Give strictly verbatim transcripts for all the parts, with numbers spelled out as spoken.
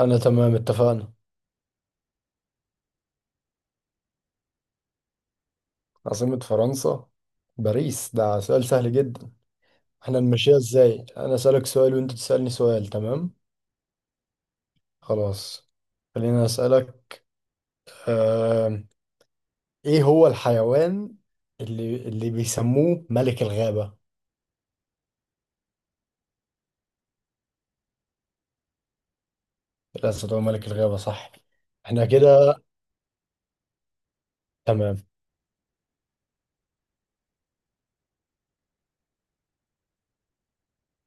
أنا تمام اتفقنا. عاصمة فرنسا باريس، ده سؤال سهل جدا. احنا نمشيها ازاي؟ أنا أسألك سؤال وأنت تسألني سؤال، تمام؟ خلاص خليني أسألك. آه... إيه هو الحيوان اللي اللي بيسموه ملك الغابة؟ الأسد هو ملك الغابة، صح. احنا كده تمام.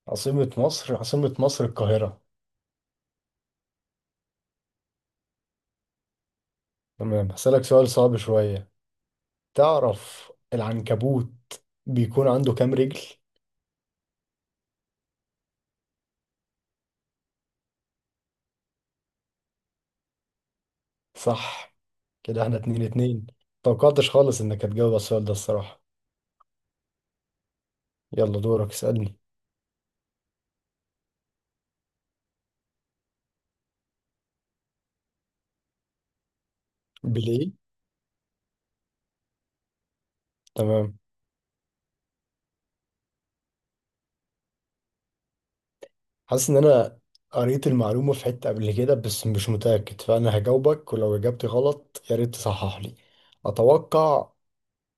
عاصمة مصر، عاصمة مصر القاهرة. تمام هسألك سؤال صعب شوية. تعرف العنكبوت بيكون عنده كام رجل؟ صح، كده احنا اتنين اتنين. متوقعتش خالص انك هتجاوب على السؤال ده الصراحة. يلا دورك اسألني. بليه تمام. حاسس ان انا قريت المعلومة في حتة قبل كده بس مش متأكد، فانا هجاوبك ولو اجابتي غلط يا ريت تصحح لي. اتوقع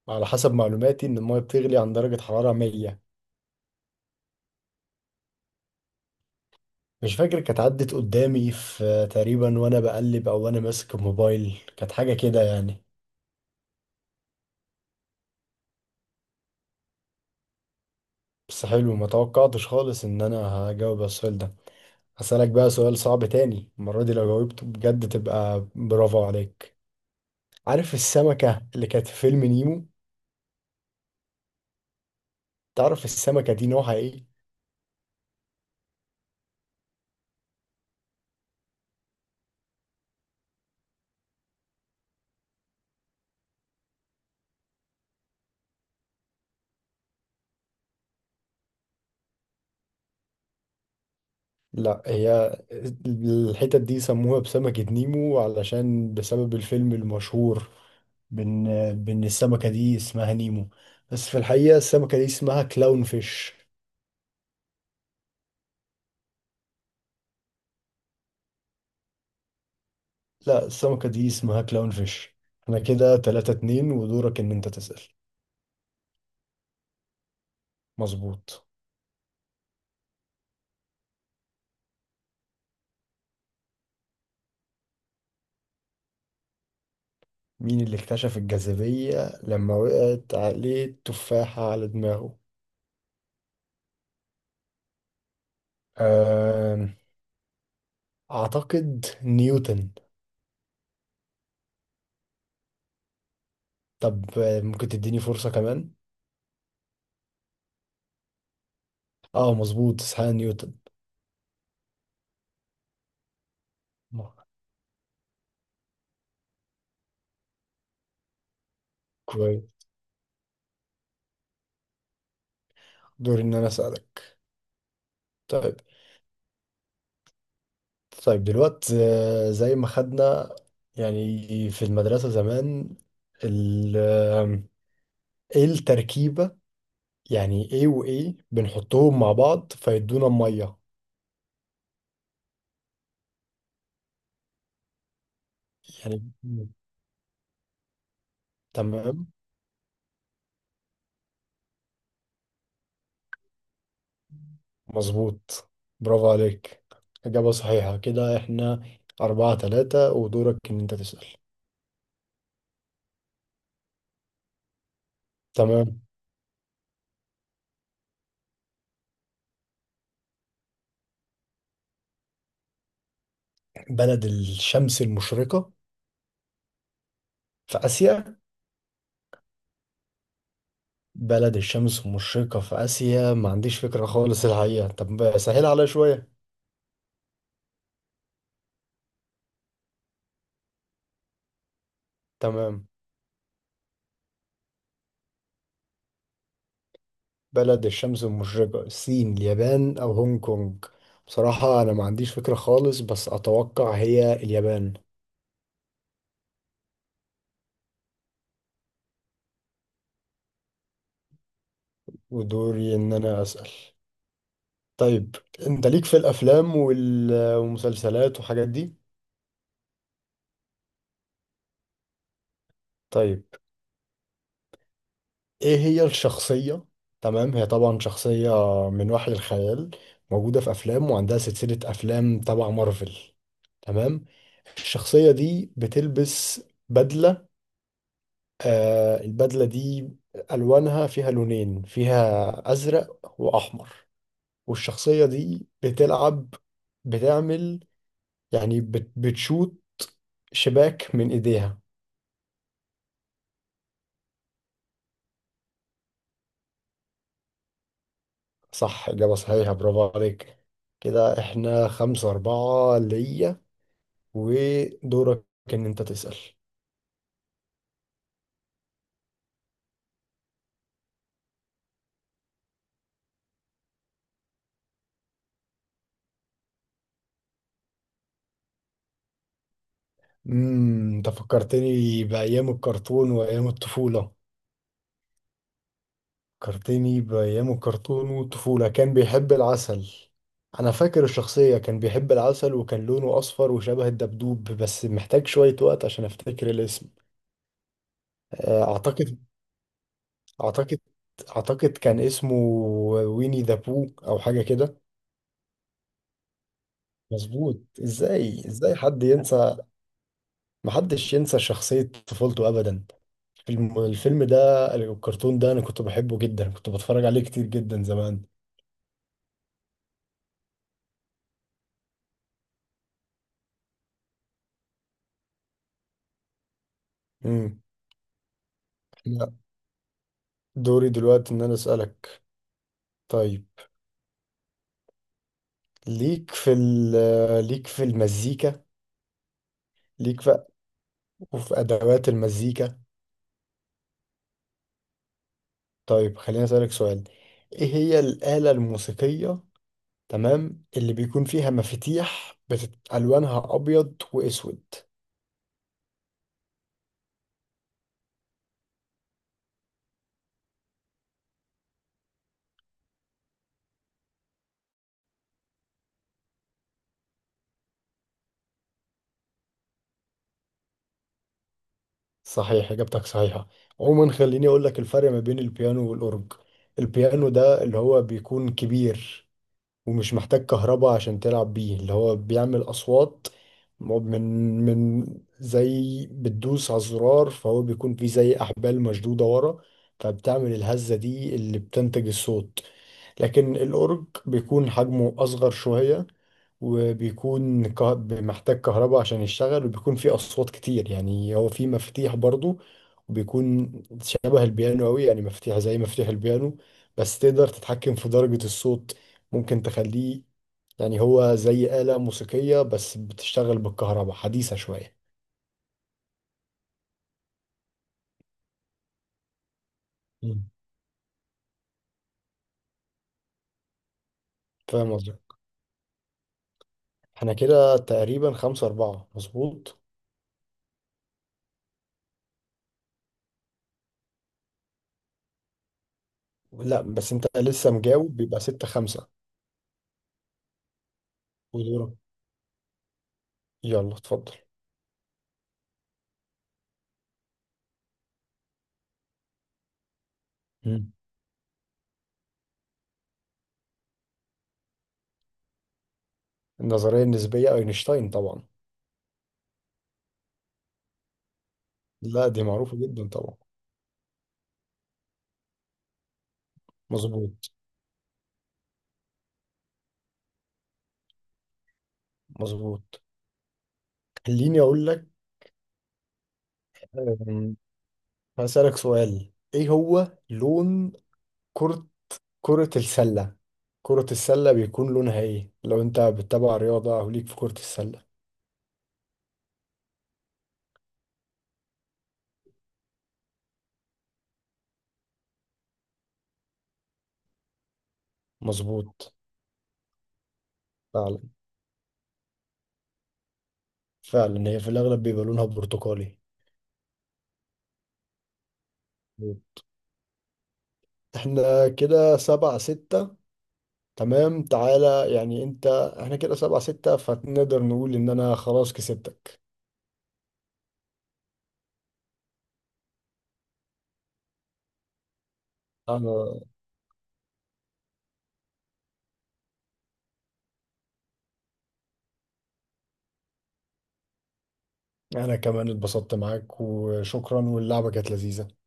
على حسب معلوماتي ان المية بتغلي عند درجة حرارة مية. مش فاكر، كانت عدت قدامي في تقريبا وانا بقلب او وانا ماسك الموبايل، كانت حاجة كده يعني. بس حلو، ما توقعتش خالص ان انا هجاوب على السؤال ده. هسألك بقى سؤال صعب تاني المرة دي، لو جاوبته بجد تبقى برافو عليك. عارف السمكة اللي كانت في فيلم نيمو؟ تعرف السمكة دي نوعها ايه؟ لا، هي الحتت دي سموها بسمكة نيمو علشان بسبب الفيلم المشهور، بان، بان السمكة دي اسمها نيمو، بس في الحقيقة السمكة دي اسمها كلاون فيش. لا السمكة دي اسمها كلاون فيش. احنا كده ثلاثة اثنين ودورك ان انت تسأل. مظبوط. مين اللي اكتشف الجاذبية لما وقعت عليه التفاحة على دماغه؟ أم، أعتقد نيوتن. طب آه، ممكن تديني فرصة كمان؟ اه مظبوط، اسحاق نيوتن. كويس، دوري إن أنا أسألك. طيب. طيب دلوقتي آه، زي ما خدنا يعني في المدرسة زمان ال آم، ايه التركيبة يعني، ايه وايه بنحطهم مع بعض فيدونا مية يعني؟ تمام. مظبوط، برافو عليك، إجابة صحيحة، كده إحنا أربعة تلاتة ودورك إن أنت تسأل. تمام. بلد الشمس المشرقة في آسيا. بلد الشمس المشرقة في آسيا، ما عنديش فكرة خالص الحقيقة، طب سهل عليا شوية. تمام. بلد الشمس المشرقة، الصين اليابان أو هونج كونج؟ بصراحة أنا ما عنديش فكرة خالص، بس أتوقع هي اليابان. ودوري إن أنا أسأل. طيب. انت ليك في الافلام وال- والمسلسلات والحاجات دي. طيب، ايه هي الشخصية؟ تمام، هي طبعا شخصية من وحي الخيال، موجودة في افلام وعندها سلسلة افلام تبع مارفل. تمام، الشخصية دي بتلبس بدلة. آه البدلة دي ألوانها فيها لونين، فيها أزرق وأحمر. والشخصية دي بتلعب، بتعمل يعني بت بتشوت شباك من إيديها. صح، إجابة صحيحة، برافو عليك. كده احنا خمسة أربعة ليا، ودورك إن أنت تسأل. امم أنت فكرتني بأيام الكرتون وأيام الطفولة. فكرتني بأيام الكرتون والطفولة، كان بيحب العسل. أنا فاكر الشخصية كان بيحب العسل وكان لونه أصفر وشبه الدبدوب، بس محتاج شوية وقت عشان أفتكر الاسم. آه، أعتقد أعتقد أعتقد كان اسمه ويني ذا بو أو حاجة كده. مظبوط، ازاي ازاي حد ينسى. محدش ينسى شخصية طفولته ابدا. الفيلم الفيلم ده، الكرتون ده، انا كنت بحبه جدا، كنت بتفرج عليه كتير جدا زمان. امم. لا، دوري دلوقتي ان انا اسالك. طيب. ليك في ال- ليك في المزيكا، ليك في وفي ادوات المزيكا. طيب خليني اسالك سؤال، ايه هي الآلة الموسيقية، تمام، اللي بيكون فيها مفاتيح بتت... الوانها ابيض واسود؟ صحيح، إجابتك صحيحة. عموما خليني أقول لك الفرق ما بين البيانو والأورج. البيانو ده اللي هو بيكون كبير، ومش محتاج كهرباء عشان تلعب بيه، اللي هو بيعمل أصوات من من زي بتدوس على الزرار، فهو بيكون فيه زي أحبال مشدودة ورا، فبتعمل الهزة دي اللي بتنتج الصوت. لكن الأورج بيكون حجمه أصغر شوية، وبيكون كه- محتاج كهرباء عشان يشتغل، وبيكون فيه أصوات كتير، يعني هو فيه مفاتيح برضو، وبيكون شبه البيانو أوي، يعني مفاتيح زي مفاتيح البيانو، بس تقدر تتحكم في درجة الصوت، ممكن تخليه يعني، هو زي آلة موسيقية بس بتشتغل بالكهرباء، حديثة شوية. مم. فاهم قصدي. احنا كده تقريبا خمسة أربعة مظبوط. لا، بس انت لسه مجاوب بيبقى ستة خمسة. ودورك، يلا اتفضل. مم. النظرية النسبية أينشتاين طبعا. لا دي معروفة جدا طبعا. مظبوط. مظبوط. خليني أقول لك. أم، هسألك سؤال، إيه هو لون كرة، كرة السلة؟ كرة السلة بيكون لونها ايه، لو انت بتتابع رياضة او ليك في كرة السلة؟ مظبوط، فعلا. فعلا هي في الاغلب بيبقى لونها برتقالي. احنا كده سبعة ستة. تمام تعالى، يعني انت، احنا كده سبعة ستة فنقدر نقول ان انا خلاص كسبتك. انا انا كمان اتبسطت معاك، وشكرا، واللعبة كانت لذيذة.